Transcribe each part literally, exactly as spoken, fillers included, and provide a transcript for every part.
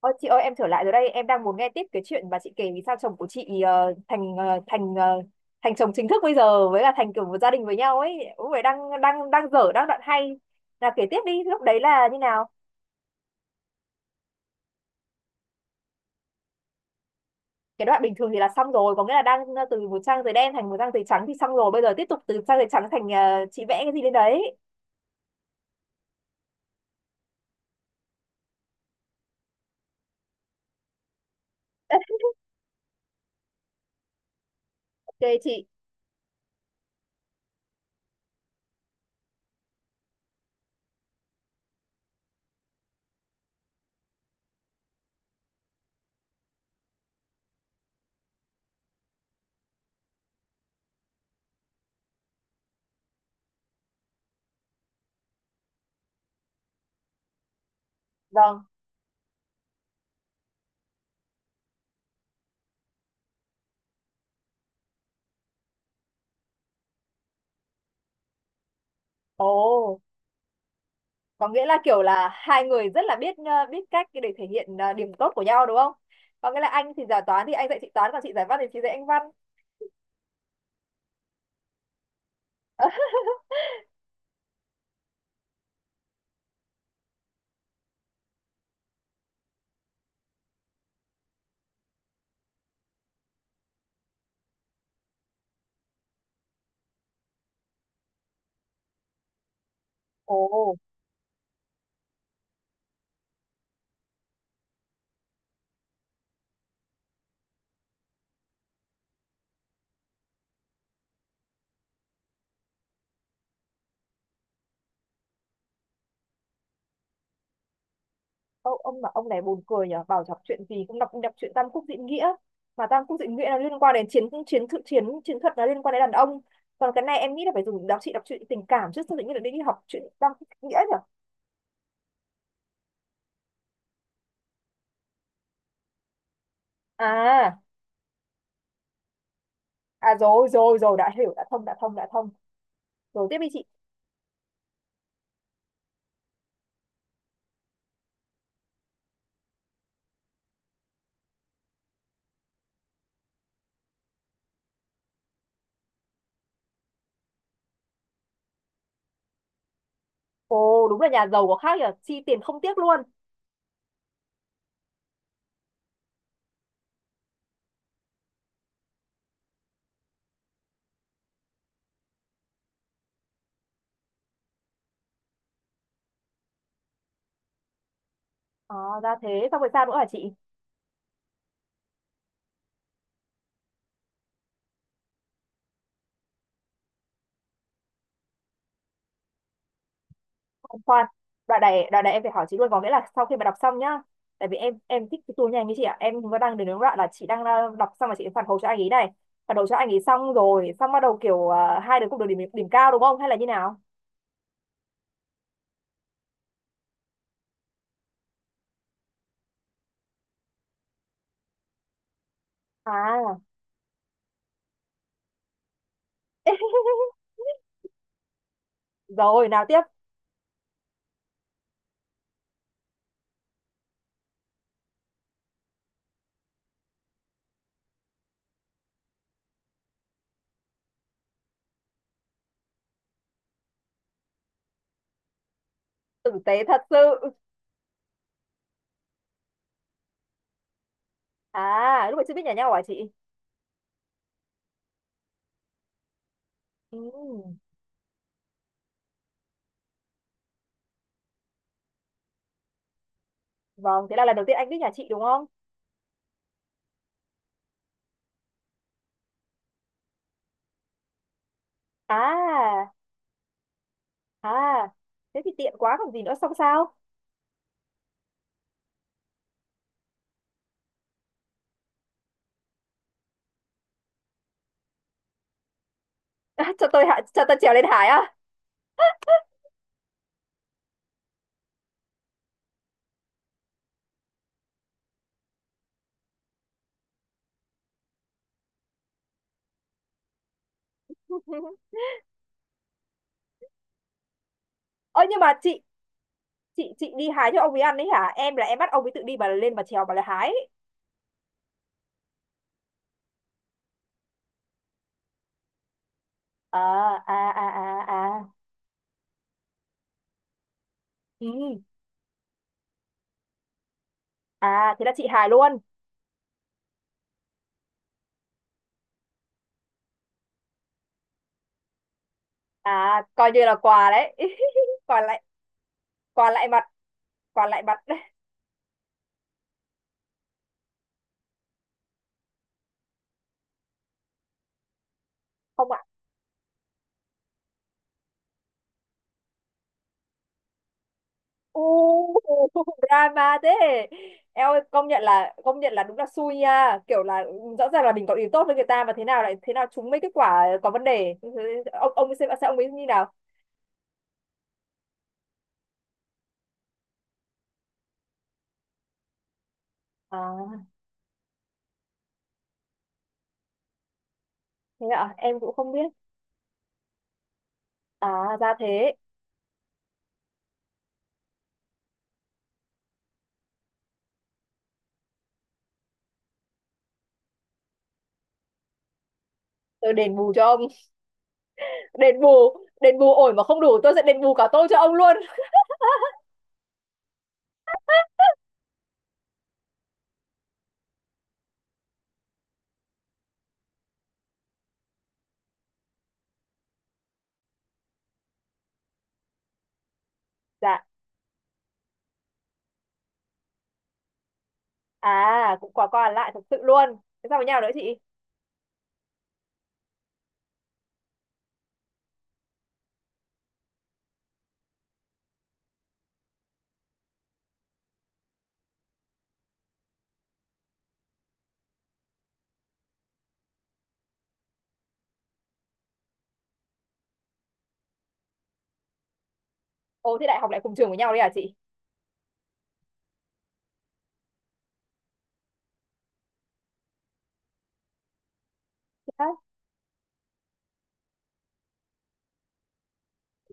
Ôi, chị ơi, em trở lại rồi đây. Em đang muốn nghe tiếp cái chuyện mà chị kể. Vì sao chồng của chị ờ, thành ờ, thành ờ, thành chồng chính thức bây giờ, với là thành kiểu một gia đình với nhau ấy. Cũng phải, đang đang đang dở đang đoạn hay, là kể tiếp đi, lúc đấy là như nào? Cái đoạn bình thường thì là xong rồi, có nghĩa là đang ờ, từ một trang giấy đen thành một trang giấy trắng thì xong rồi, bây giờ tiếp tục từ trang giấy trắng thành ờ, chị vẽ cái gì lên đấy. Ok chị. Vâng. Ồ, có nghĩa là kiểu là hai người rất là biết ờ, biết cách để thể hiện ờ, điểm tốt của nhau đúng không? Có nghĩa là anh thì giải toán thì anh dạy chị toán, còn chị giải văn thì chị dạy anh văn. Ồ, ông, ông mà ông này buồn cười nhở, bảo đọc chuyện gì cũng đọc đọc chuyện Tam Quốc Diễn Nghĩa, mà Tam Quốc Diễn Nghĩa là liên quan đến chiến chiến thuật, chiến chiến thuật là liên quan đến đàn ông. Còn cái này em nghĩ là phải dùng đọc, chị đọc chuyện tình cảm chứ, sao tự nhiên lại đi đi học chuyện Tam Quốc Diễn Nghĩa nhở? À, à rồi rồi rồi, đã hiểu, đã thông đã thông đã thông, rồi tiếp đi chị. Ồ, đúng là nhà giàu có khác nhở, chi tiền không tiếc luôn. Ờ, ra thế, xong rồi sao nữa hả chị? Khoan khoan. Đoạn này, đoạn này em phải hỏi chị luôn, có nghĩa là sau khi mà đọc xong nhá. Tại vì em em thích cái tour nhanh như chị ạ, em vẫn đang đến đúng đoạn là chị đang ờ, đọc xong mà chị phản hồi cho anh ấy này, phản hồi cho anh ấy xong rồi, xong bắt đầu kiểu ờ, hai đứa cũng được điểm điểm cao đúng không, hay là như nào? À. Rồi, nào tiếp. Tử tế thật sự. À, lúc này chưa biết nhà nhau hả chị? Ừ. Vâng, thế là lần đầu tiên anh biết nhà chị đúng không? À, à, thế thì tiện quá còn gì nữa, xong sao? À, cho tôi hạ, cho tôi trèo lên hải á. Ơ nhưng mà chị, chị chị đi hái cho ông ấy ăn đấy hả? Em là em bắt ông ấy tự đi, bà lên bà trèo bà lại hái. À à à à à. Ừ. À, thế là chị hài luôn. À, coi như là quà đấy. Quà lại, quà lại mặt, quà lại mặt. Không ạ. U. Drama thế. Em ơi, công nhận là công nhận là đúng là xui nha. Kiểu là ừ, rõ ràng là mình có ý tốt với người ta mà thế nào lại thế nào chúng mấy cái quả có vấn đề. Thế, Ông ông ấy xem xem ông ấy như nào. À thế ạ, em cũng không biết. À, ra thế. Tôi đền bù cho ông. Đền bù, đền bù ổi mà không đủ tôi sẽ đền bù cả tôi cho ông luôn. Dạ. À, cũng quả qua lại thật sự luôn. Thế sao với nhau nữa chị? Ồ, thế đại học lại cùng trường với nhau đấy à chị? Thế.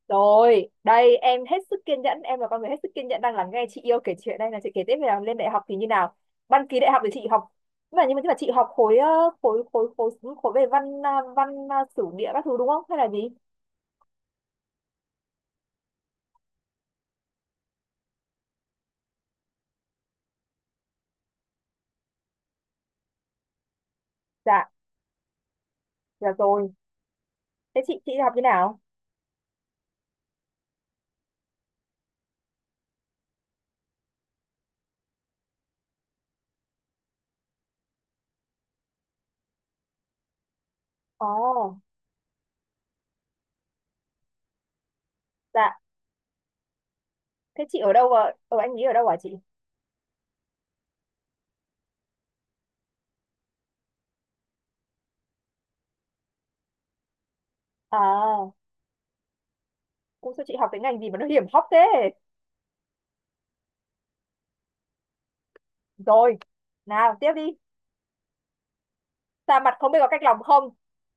Rồi, đây em hết sức kiên nhẫn, em là con người hết sức kiên nhẫn, đang lắng nghe chị yêu kể chuyện. Đây là chị kể tiếp về là lên đại học thì như nào? Đăng ký đại học thì chị học, nhưng mà nhưng mà, nhưng mà chị học khối ờ, khối khối khối khối về văn à, văn à, sử địa các thứ đúng không, hay là gì? Dạ, dạ rồi. Thế chị chị học như nào? Ồ, dạ. Thế chị ở đâu, ở, ở anh ấy ở đâu hả chị? À, cũng sao chị học cái ngành gì mà nó hiểm hóc thế? Rồi, nào tiếp đi. Xa mặt không biết có cách lòng không?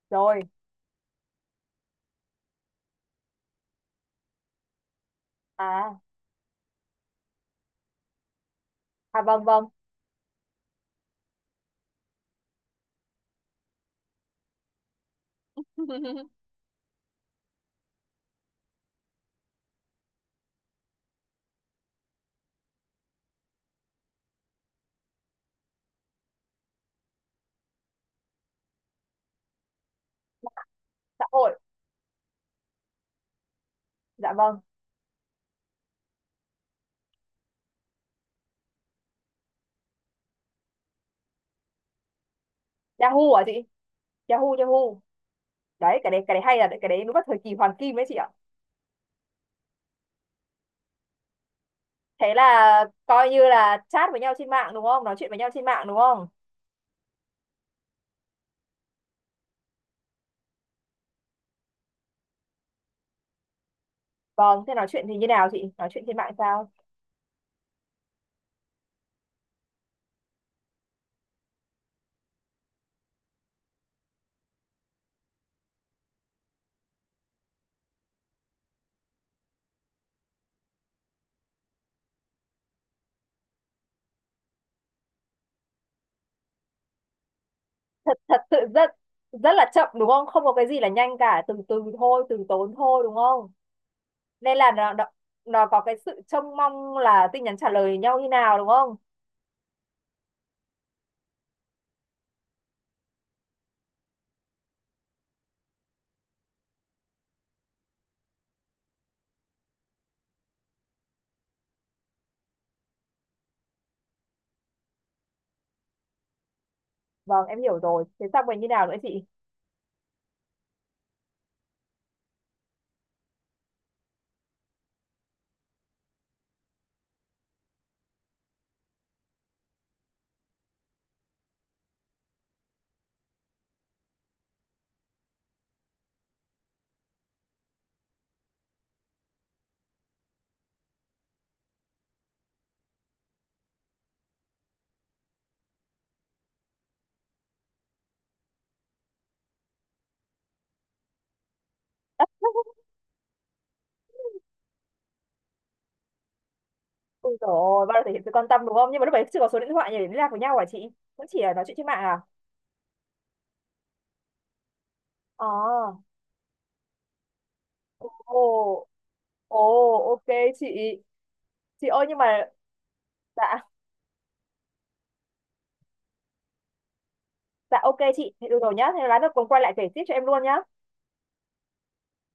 Rồi, à, à vâng vâng. Xã hội. Dạ vâng. Yahoo hả chị? Yahoo, Yahoo. Đấy, cái đấy, cái đấy hay là cái đấy đúng là thời kỳ hoàng kim đấy chị ạ. Thế là coi như là chat với nhau trên mạng đúng không? Nói chuyện với nhau trên mạng đúng không? Vâng, thế nói chuyện thì như nào chị? Nói chuyện trên mạng sao? Thật sự rất rất là chậm đúng không? Không có cái gì là nhanh cả, từ từ thôi, từ tốn thôi đúng không? Nên là nó, nó nó có cái sự trông mong là tin nhắn trả lời nhau như nào đúng không? Vâng, em hiểu rồi. Thế xong rồi như nào nữa chị? Ôi trời ơi, bao giờ thể hiện sự quan tâm đúng không, nhưng mà lúc đấy chưa có số điện thoại để liên lạc với nhau hả chị, cũng chỉ là nói chuyện trên mạng à. Ờ. Ồ. Ồ. Ok chị. Chị ơi nhưng mà dạ, dạ ok chị. Thế được rồi nhá, thế lát nữa cùng quay lại kể tiếp cho em luôn nhá.